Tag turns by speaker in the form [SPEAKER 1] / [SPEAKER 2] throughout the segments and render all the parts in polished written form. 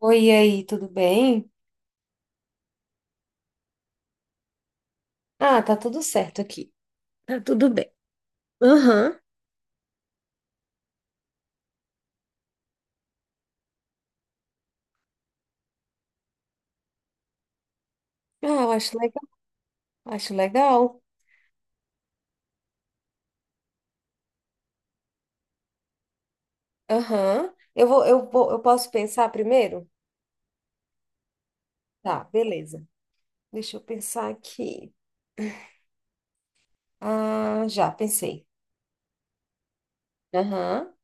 [SPEAKER 1] Oi, e aí, tudo bem? Ah, tá tudo certo aqui. Tá tudo bem. Aham. Ah, eu acho legal. Acho legal. Aham. Eu posso pensar primeiro? Tá, beleza. Deixa eu pensar aqui. Ah, já pensei. Aham.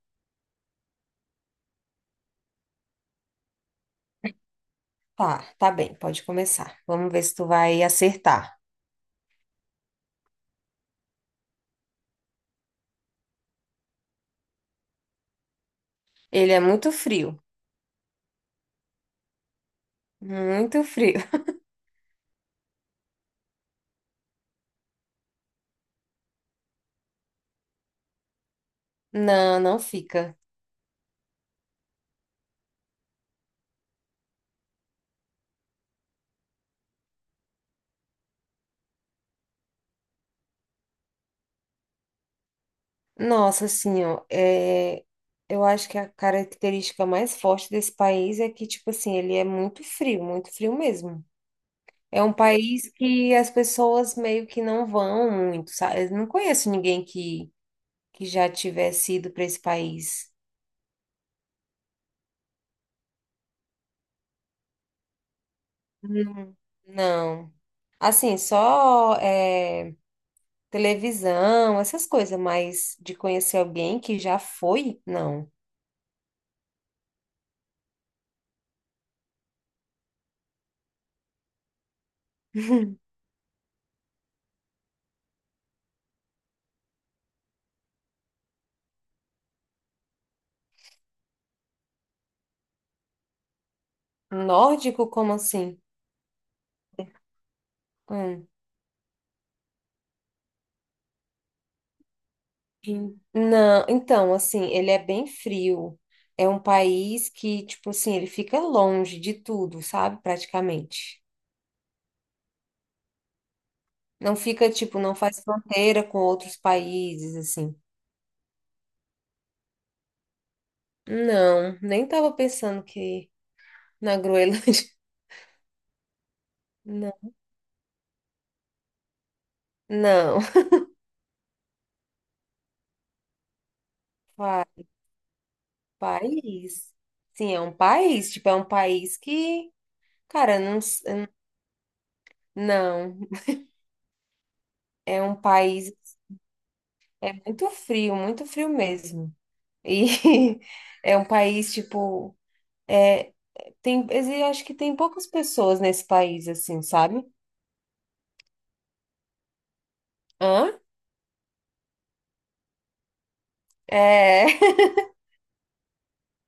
[SPEAKER 1] Tá bem, pode começar. Vamos ver se tu vai acertar. Ele é muito frio. Muito frio. Não, não fica. Nossa, assim, ó, eu acho que a característica mais forte desse país é que, tipo assim, ele é muito frio mesmo. É um país que as pessoas meio que não vão muito, sabe? Eu não conheço ninguém que já tivesse ido para esse país. Não. Não. Assim, só televisão, essas coisas, mas de conhecer alguém que já foi, não. Nórdico, como assim? Hum. Não, então, assim, ele é bem frio. É um país que, tipo assim, ele fica longe de tudo, sabe? Praticamente. Não fica, tipo, não faz fronteira com outros países, assim. Não, nem tava pensando que na Groenlândia. Não, não. Pa- País. Sim, é um país, tipo, é um país que, cara, não, não, é um país, é muito frio mesmo. E é um país, tipo, É, tem, acho que tem poucas pessoas nesse país, assim, sabe? Hã? É,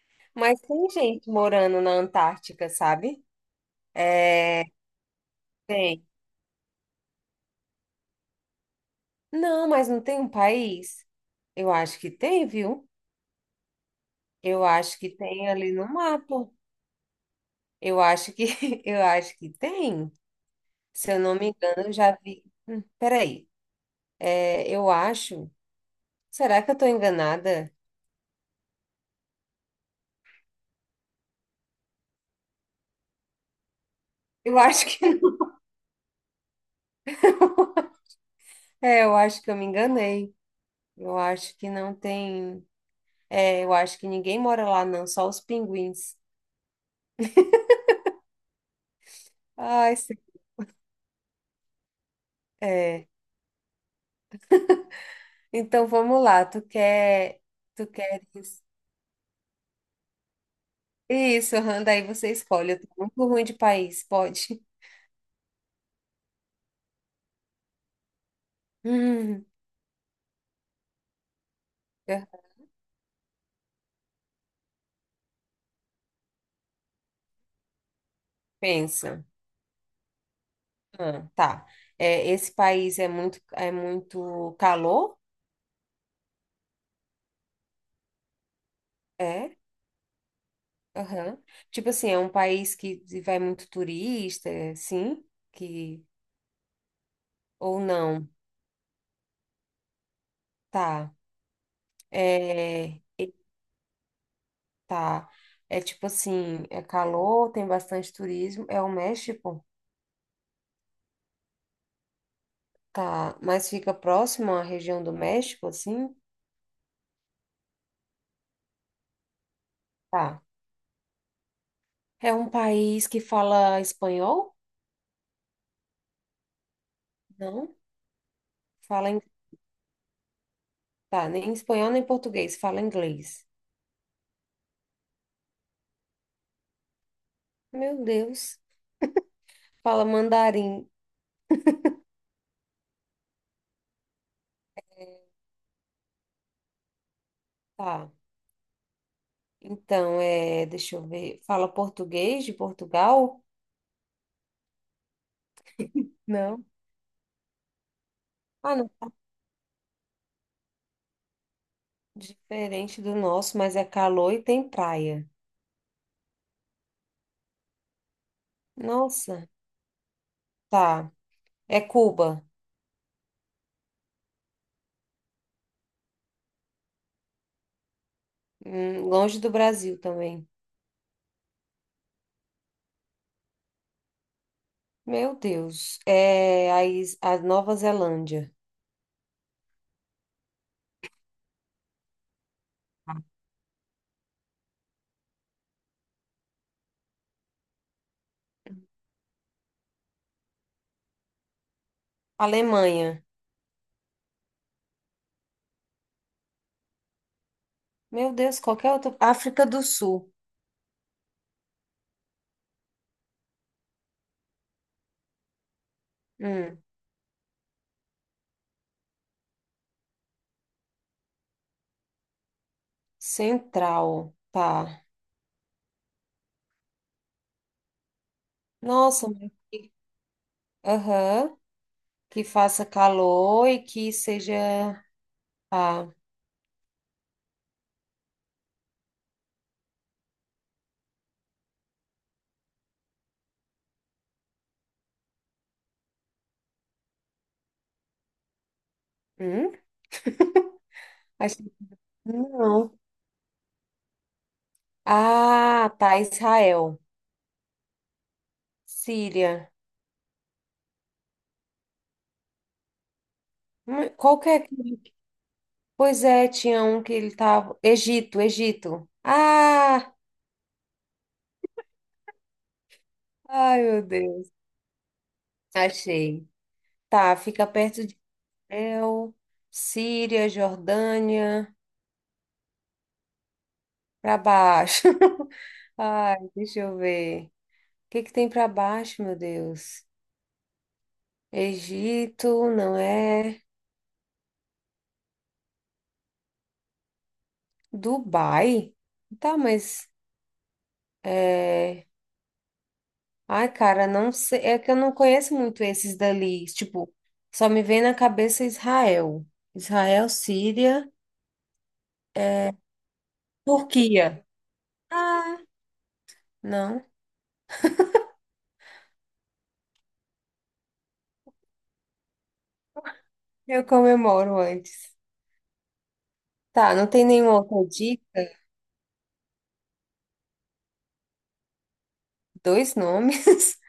[SPEAKER 1] mas tem gente morando na Antártica, sabe? É, tem. Não, mas não tem um país? Eu acho que tem, viu? Eu acho que tem ali no mapa. Eu acho que, eu acho que tem. Se eu não me engano, eu já vi. Peraí, eu acho. Será que eu estou enganada? Eu acho que não. É, eu acho que eu me enganei. Eu acho que não tem. É, eu acho que ninguém mora lá, não, só os pinguins. Ai, é. Então vamos lá, tu queres. Isso, aham, daí você escolhe. Eu tô muito ruim de país, pode? Hum, eu- Pensa. Ah, tá. É, esse país é muito calor? É. Aham. Tipo assim, é um país que vai muito turista, é, sim? Que ou não? Tá. É, Tá. É tipo assim, é calor, tem bastante turismo. É o México? Tá. Mas fica próximo à região do México, assim? Tá. É um país que fala espanhol? Não. Fala em... Tá, nem espanhol nem português, fala inglês. Meu Deus. Fala mandarim. Tá. Então, deixa eu ver. Fala português de Portugal? Não. Ah, não. Diferente do nosso, mas é calor e tem praia. Nossa. Tá. É Cuba. Longe do Brasil também. Meu Deus. É a Nova Zelândia. Alemanha. Meu Deus, qualquer outro. África do Sul. Hum. Central. Tá. Nossa. Aham. Que faça calor e que seja. Ah, hum? Acho que não. Ah, tá. Israel. Síria. Qualquer. Pois é, tinha um que ele tava. Egito, Egito. Ah! Ai, meu Deus. Achei. Tá, fica perto de Israel, Síria, Jordânia, para baixo. Ai, deixa eu ver. O que que tem para baixo, meu Deus? Egito, não é? Dubai? Tá, mas é... Ai, cara, não sei. É que eu não conheço muito esses dali. Tipo, só me vem na cabeça Israel. Israel, Síria. Turquia. Ah, não. Eu comemoro antes. Tá, não tem nenhuma outra dica? Dois nomes.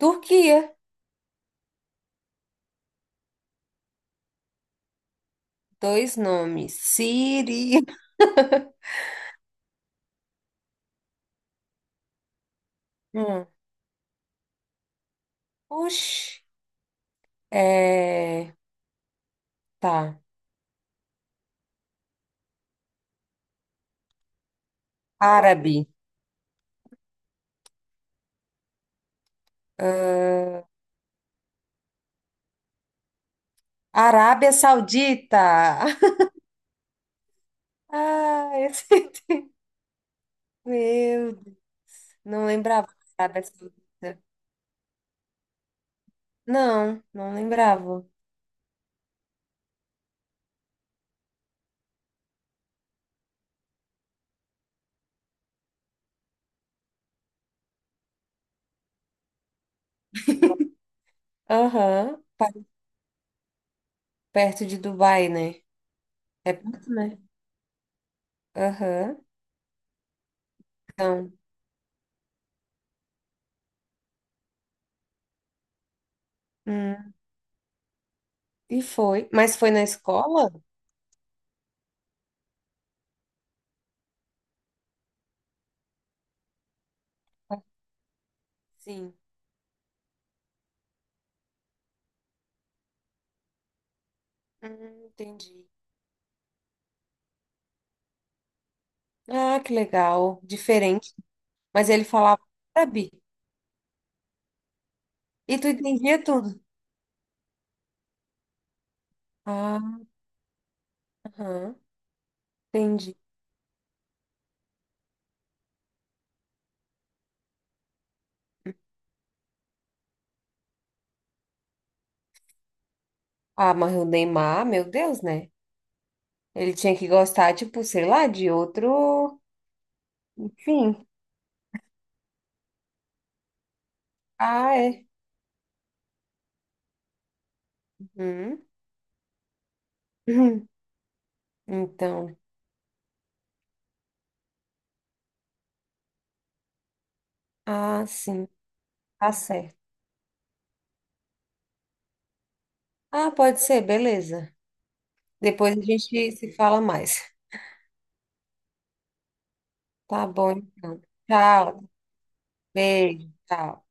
[SPEAKER 1] Turquia, dois nomes. Síria. Hum. Oxi. É, tá. Árabe. Arábia Saudita. Ah, esse... é Meu Deus, não lembrava da Arábia Saudita. Não, não lembrava. Aham. Perto de Dubai, né? É perto, né? Aham. Então, hum. E foi. Mas foi na escola? Sim. Entendi. Ah, que legal. Diferente. Mas ele falava árabe. E tu entendia tudo. Ah, aham. Entendi. Ah, mas o Neymar, meu Deus, né? Ele tinha que gostar, tipo, sei lá, de outro. Enfim. Ah, é. Uhum. Uhum. Então. Ah, sim. Tá certo. Ah, pode ser, beleza. Depois a gente se fala mais. Tá bom, então. Tchau. Beijo. Tchau.